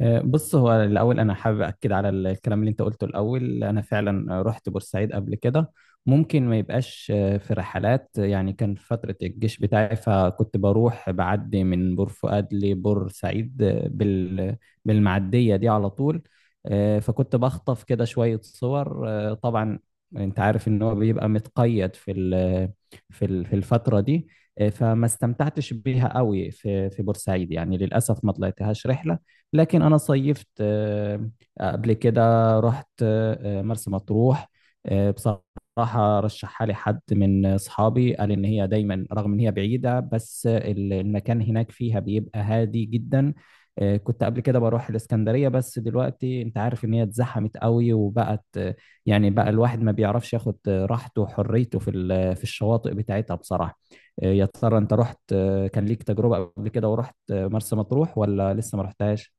بص، هو الأول أنا حابب أكد على الكلام اللي أنت قلته الأول. أنا فعلا رحت بورسعيد قبل كده. ممكن ما يبقاش في رحلات، يعني كان في فترة الجيش بتاعي، فكنت بروح بعدي من بور فؤاد لبورسعيد بالمعدية دي على طول. فكنت بخطف كده شوية صور طبعا. أنت عارف إن هو بيبقى متقيد في الفترة دي. فما استمتعتش بيها قوي في بورسعيد، يعني للأسف ما طلعتهاش رحلة. لكن انا صيفت قبل كده رحت مرسى مطروح. بصراحة رشحها لي حد من أصحابي، قال إن هي دايما رغم إن هي بعيدة بس المكان هناك فيها بيبقى هادي جدا. كنت قبل كده بروح الإسكندرية، بس دلوقتي أنت عارف إن هي اتزحمت قوي وبقت يعني بقى الواحد ما بيعرفش ياخد راحته وحريته في الشواطئ بتاعتها بصراحة. يا ترى أنت رحت كان ليك تجربة قبل كده ورحت مرسى مطروح ولا لسه ما رحتهاش؟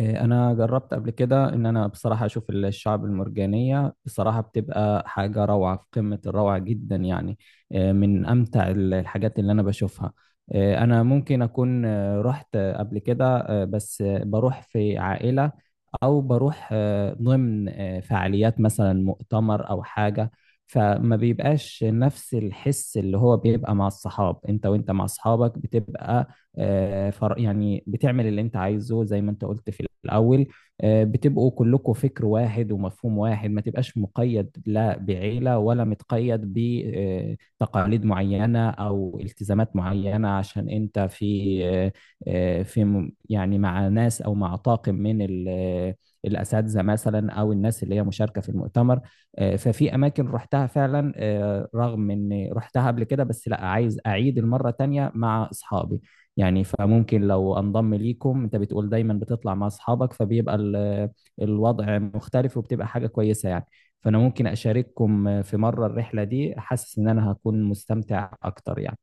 إيه، انا جربت قبل كده ان انا بصراحه اشوف الشعب المرجانيه. بصراحه بتبقى حاجه روعه، في قمه الروعه جدا يعني. إيه، من امتع الحاجات اللي انا بشوفها. إيه، انا ممكن اكون رحت قبل كده بس بروح في عائله، او بروح ضمن فعاليات مثلا مؤتمر او حاجه. فما بيبقاش نفس الحس اللي هو بيبقى مع الصحاب، انت وانت مع اصحابك بتبقى يعني بتعمل اللي انت عايزه زي ما انت قلت في الاول. بتبقوا كلكم فكر واحد ومفهوم واحد، ما تبقاش مقيد لا بعيلة ولا متقيد بتقاليد معينة او التزامات معينة، عشان انت في في يعني مع ناس او مع طاقم من الاساتذه مثلا، او الناس اللي هي مشاركه في المؤتمر. ففي اماكن رحتها فعلا رغم ان رحتها قبل كده، بس لا، عايز اعيد المره تانية مع اصحابي. يعني فممكن لو انضم ليكم، انت بتقول دايما بتطلع مع اصحابك، فبيبقى الوضع مختلف، وبتبقى حاجه كويسه يعني. فانا ممكن اشارككم في مره الرحله دي، حاسس ان انا هكون مستمتع اكتر يعني.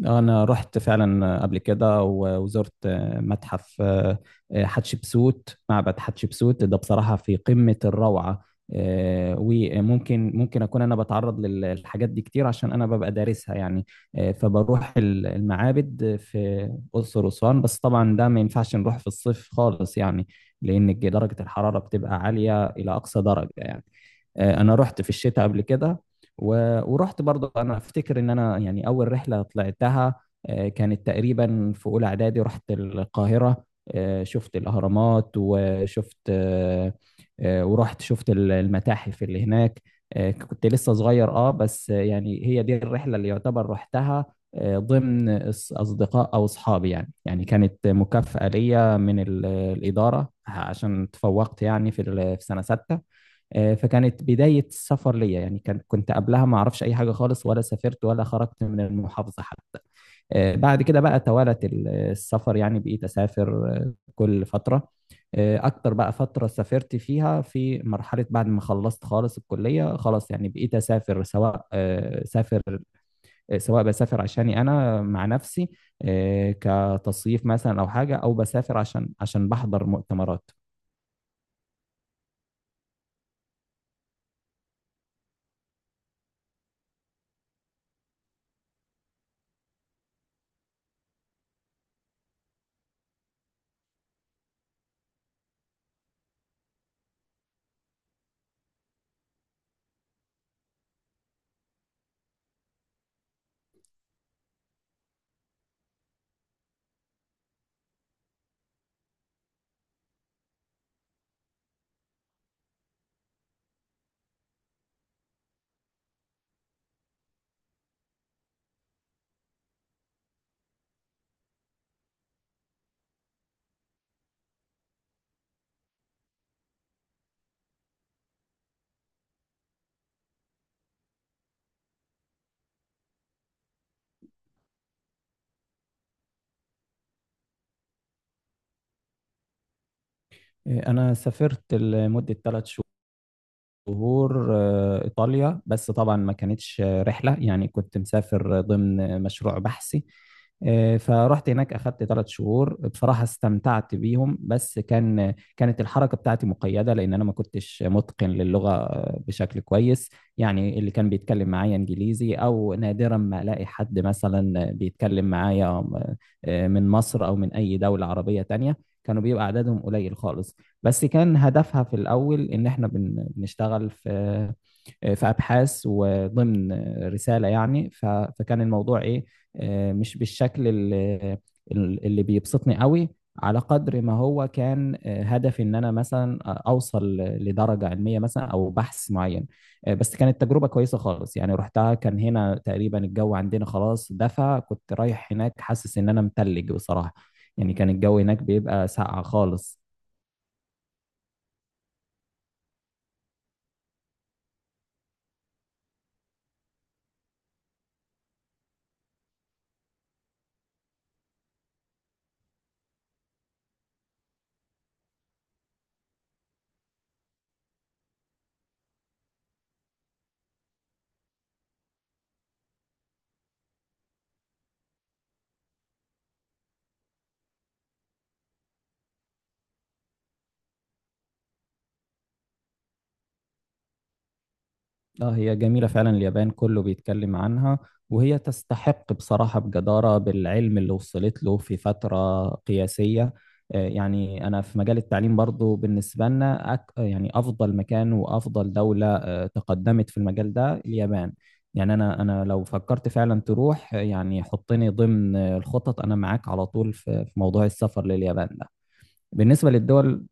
انا رحت فعلا قبل كده وزرت متحف حتشبسوت. معبد حتشبسوت ده بصراحة في قمة الروعة. وممكن اكون انا بتعرض للحاجات دي كتير، عشان انا ببقى دارسها يعني. فبروح المعابد في اقصر واسوان. بس طبعا ده ما ينفعش نروح في الصيف خالص يعني، لان درجة الحرارة بتبقى عالية الى اقصى درجة يعني. انا رحت في الشتاء قبل كده ورحت برضه. انا افتكر ان انا يعني اول رحله طلعتها كانت تقريبا في اولى اعدادي، رحت القاهره. شفت الاهرامات وشفت ورحت شفت المتاحف اللي هناك. كنت لسه صغير بس يعني هي دي الرحله اللي يعتبر رحتها ضمن اصدقاء او اصحابي يعني. كانت مكافاه ليا من الاداره، عشان تفوقت يعني في سنه سته. فكانت بداية السفر ليا. يعني كنت قبلها ما أعرفش أي حاجة خالص، ولا سافرت ولا خرجت من المحافظة حتى. بعد كده بقى توالت السفر، يعني بقيت أسافر كل فترة. أكتر بقى فترة سافرت فيها في مرحلة بعد ما خلصت خالص الكلية خلاص، يعني بقيت أسافر، سواء سواء بسافر عشاني أنا مع نفسي، كتصيف مثلا أو حاجة، أو بسافر عشان بحضر مؤتمرات. أنا سافرت لمدة 3 زهور إيطاليا. بس طبعا ما كانتش رحلة، يعني كنت مسافر ضمن مشروع بحثي. فرحت هناك، أخدت 3 شهور. بصراحة استمتعت بيهم، بس كانت الحركة بتاعتي مقيدة لأن أنا ما كنتش متقن للغة بشكل كويس. يعني اللي كان بيتكلم معايا إنجليزي، أو نادرا ما ألاقي حد مثلا بيتكلم معايا من مصر أو من أي دولة عربية تانية. كانوا بيبقى عددهم قليل خالص. بس كان هدفها في الأول إن إحنا بنشتغل في أبحاث، وضمن رسالة. يعني فكان الموضوع إيه؟ مش بالشكل اللي بيبسطني قوي، على قدر ما هو كان هدفي إن أنا مثلا أوصل لدرجة علمية مثلا أو بحث معين. بس كانت تجربة كويسة خالص، يعني رحتها كان هنا تقريبا الجو عندنا خلاص دفى، كنت رايح هناك حاسس إن أنا متلج بصراحة. يعني كان الجو هناك بيبقى ساقع خالص. اه هي جميلة فعلا، اليابان كله بيتكلم عنها، وهي تستحق بصراحة بجدارة، بالعلم اللي وصلت له في فترة قياسية. يعني أنا في مجال التعليم برضو بالنسبة لنا يعني أفضل مكان وأفضل دولة تقدمت في المجال ده اليابان. يعني أنا لو فكرت فعلا تروح يعني حطني ضمن الخطط. أنا معاك على طول في موضوع السفر لليابان ده، بالنسبة للدول.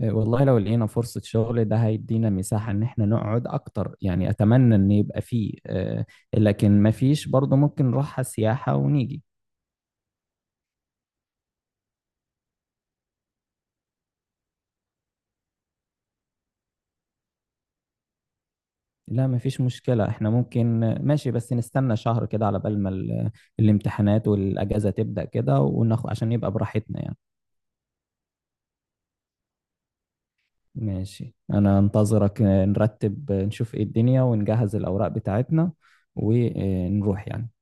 والله لو لقينا فرصة شغل ده هيدينا مساحة إن إحنا نقعد أكتر. يعني أتمنى إن يبقى فيه لكن مفيش، برضه ممكن نروحها سياحة ونيجي. لا، مفيش مشكلة، إحنا ممكن ماشي، بس نستنى شهر كده على بال ما الامتحانات والأجازة تبدأ كده وناخد، عشان يبقى براحتنا يعني. ماشي، أنا أنتظرك. نرتب نشوف إيه الدنيا ونجهز الأوراق بتاعتنا ونروح يعني.